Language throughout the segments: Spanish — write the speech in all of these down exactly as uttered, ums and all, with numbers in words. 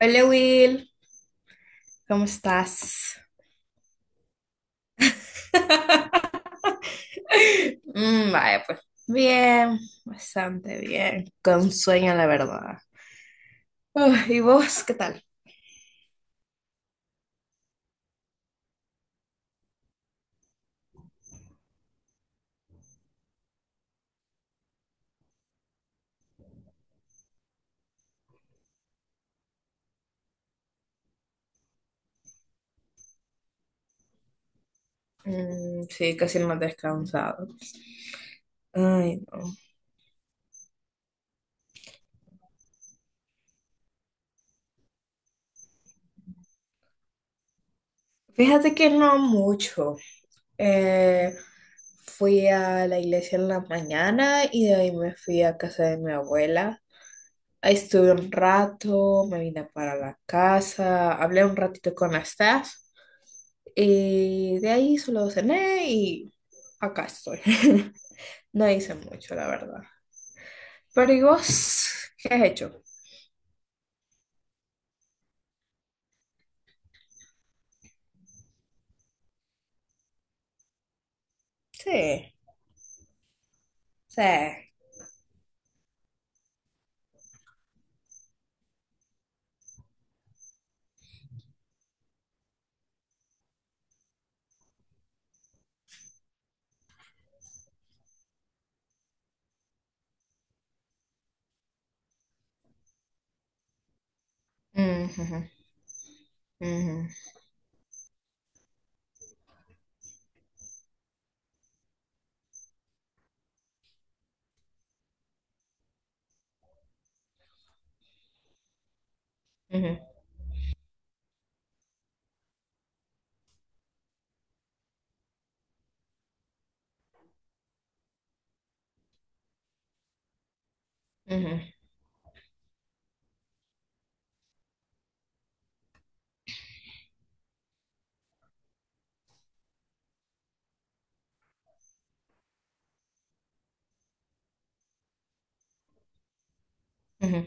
Hola Will, ¿cómo estás? Mm, vaya, pues bien, bastante bien, con sueño la verdad. Uf, ¿y vos qué tal? Mm, sí, casi no he descansado. Ay, no. Fíjate que no mucho. Eh, Fui a la iglesia en la mañana y de ahí me fui a casa de mi abuela. Ahí estuve un rato, me vine para la casa, hablé un ratito con la staff. Y de ahí solo cené y acá estoy. No hice mucho, la verdad. Pero ¿y vos qué has hecho? Sí, sí. Ujú, ujú, ujú, ujú, ujú.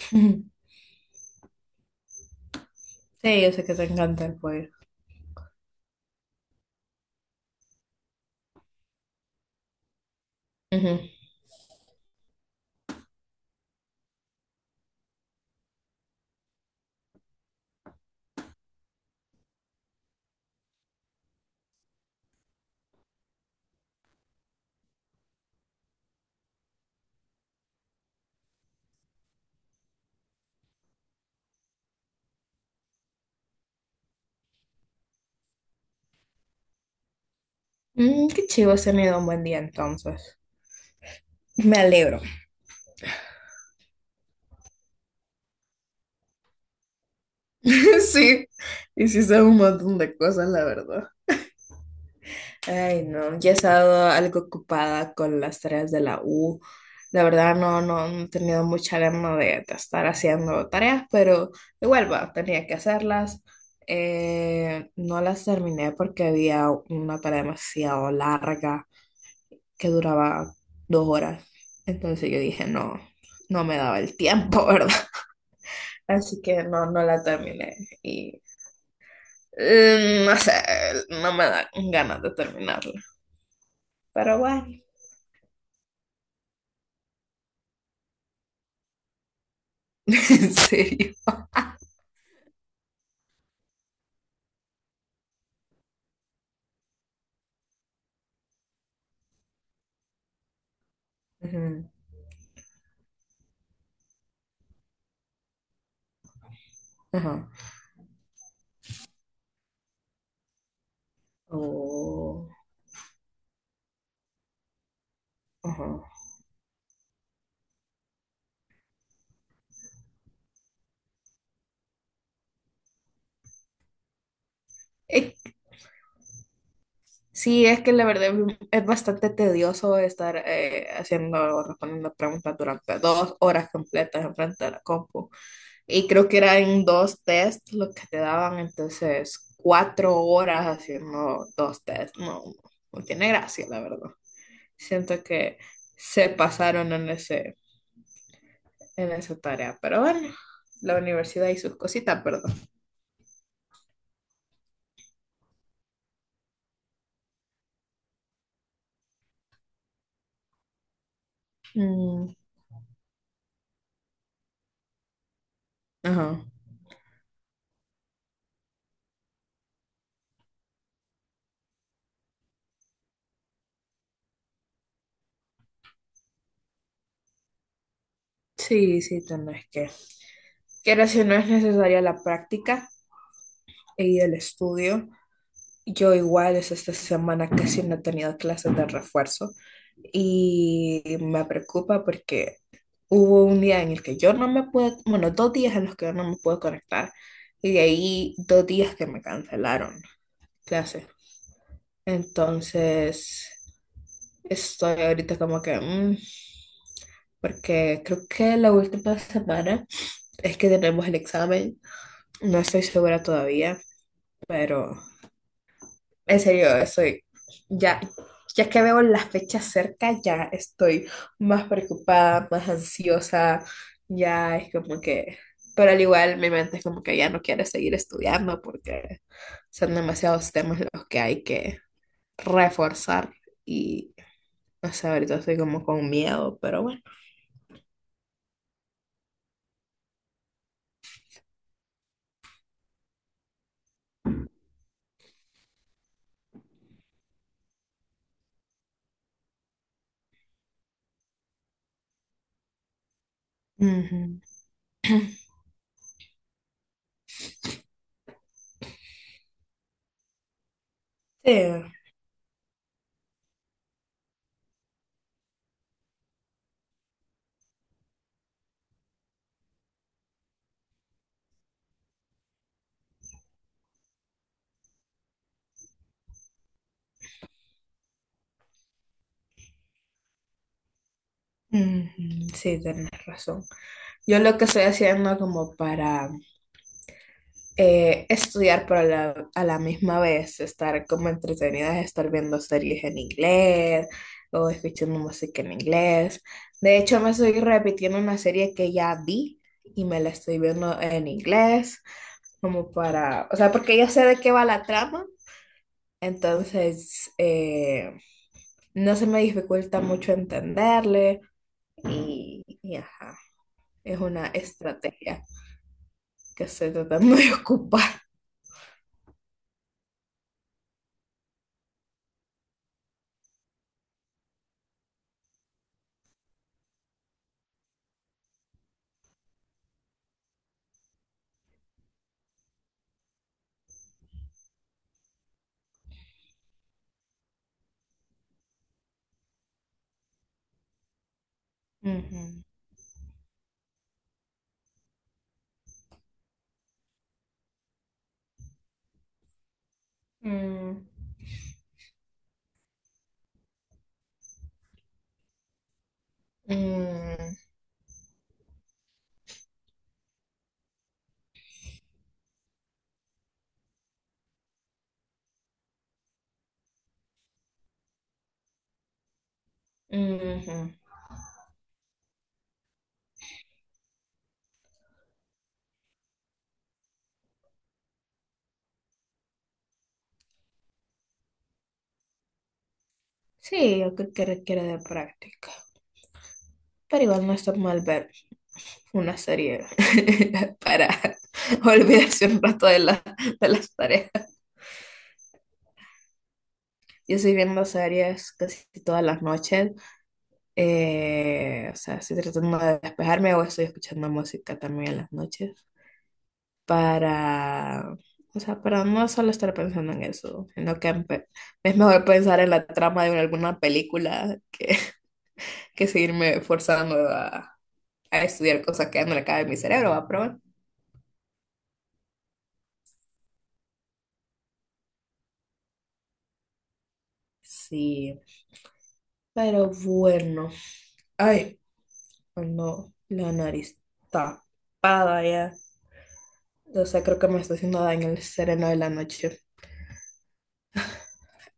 Ujú. Sí, yo sé que te encanta el pollo. Ujú. Mm, qué chivo, has tenido un buen día entonces. Me alegro. Sí, hiciste un montón de cosas, la verdad. Ay, no, ya he estado algo ocupada con las tareas de la U. La verdad no, no, no he tenido mucha gana de, de estar haciendo tareas, pero igual, bueno, tenía que hacerlas. Eh, no las terminé porque había una tarea demasiado larga que duraba dos horas. Entonces yo dije, no, no me daba el tiempo, ¿verdad? Así que no, no la terminé. Y eh, no sé, no me dan ganas de terminarla. Pero bueno. En serio. Ujú. Ajá. Oh, ajá. Eh, sí, es que la verdad es bastante tedioso estar eh, haciendo o respondiendo preguntas durante dos horas completas enfrente de la compu. Y creo que eran dos test los que te daban, entonces cuatro horas haciendo dos test. No, no tiene gracia, la verdad. Siento que se pasaron en ese, en esa tarea, pero bueno, la universidad y sus cositas, perdón. Ajá. Sí, sí, tenés que. Quiero si no es necesaria la práctica y el estudio. Yo igual es esta semana casi no he tenido clases de refuerzo y me preocupa porque hubo un día en el que yo no me pude, bueno, dos días en los que yo no me pude conectar y de ahí dos días que me cancelaron clases. Entonces, estoy ahorita como que, mm, porque creo que la última semana es que tenemos el examen. No estoy segura todavía, pero en serio, estoy ya, ya que veo las fechas cerca, ya estoy más preocupada, más ansiosa, ya es como que, pero al igual mi mente es como que ya no quiere seguir estudiando porque son demasiados temas los que hay que reforzar y no sé, ahorita estoy como con miedo, pero bueno. Ujú. Sí, ujú, sí, tienes razón. Yo lo que estoy haciendo como para eh, estudiar, pero a la, a la misma vez estar como entretenidas, estar viendo series en inglés o escuchando música en inglés. De hecho, me estoy repitiendo una serie que ya vi y me la estoy viendo en inglés, como para, o sea, porque ya sé de qué va la trama, entonces eh, no se me dificulta mucho entenderle y, y ajá, es una estrategia que estoy tratando de ocupar. Ujú. Mm. Mm, ujú. Sí, yo creo que requiere de práctica. Pero igual no está mal ver una serie para olvidarse un rato de la- de las tareas. Yo estoy viendo series casi todas las noches. eh, o sea, estoy tratando de despejarme o estoy escuchando música también en las noches para, o sea, para no solo estar pensando en eso, sino que empe- Es mejor pensar en la trama de alguna película que que seguirme forzando a, a estudiar cosas que ya no le caben en mi cerebro, ¿va? Pero bueno, sí. Pero bueno. Ay, no, la nariz tapada ya. O sea, creo que me está haciendo daño el sereno de la noche.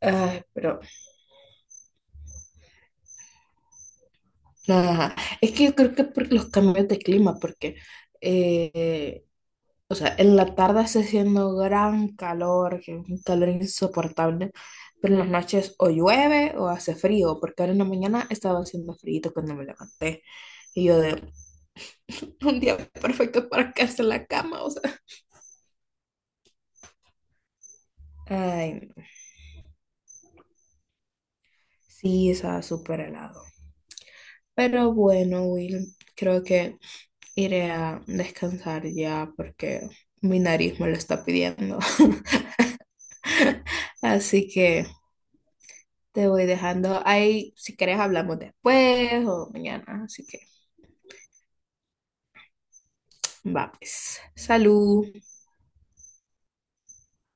Ay, pero nada. Es que yo creo que por los cambios de clima, porque eh, o sea, en la tarde está haciendo gran calor, que es un calor insoportable, pero en las noches o llueve o hace frío, porque ahora en la mañana estaba haciendo frío cuando me levanté. Y yo de un día perfecto para quedarse en la cama, o sea. Ay, no. Sí, estaba súper helado. Pero bueno, Will, creo que iré a descansar ya porque mi nariz me lo está pidiendo. Así que te voy dejando ahí. Si quieres, hablamos después o mañana. Así que. Va, pues. Salud.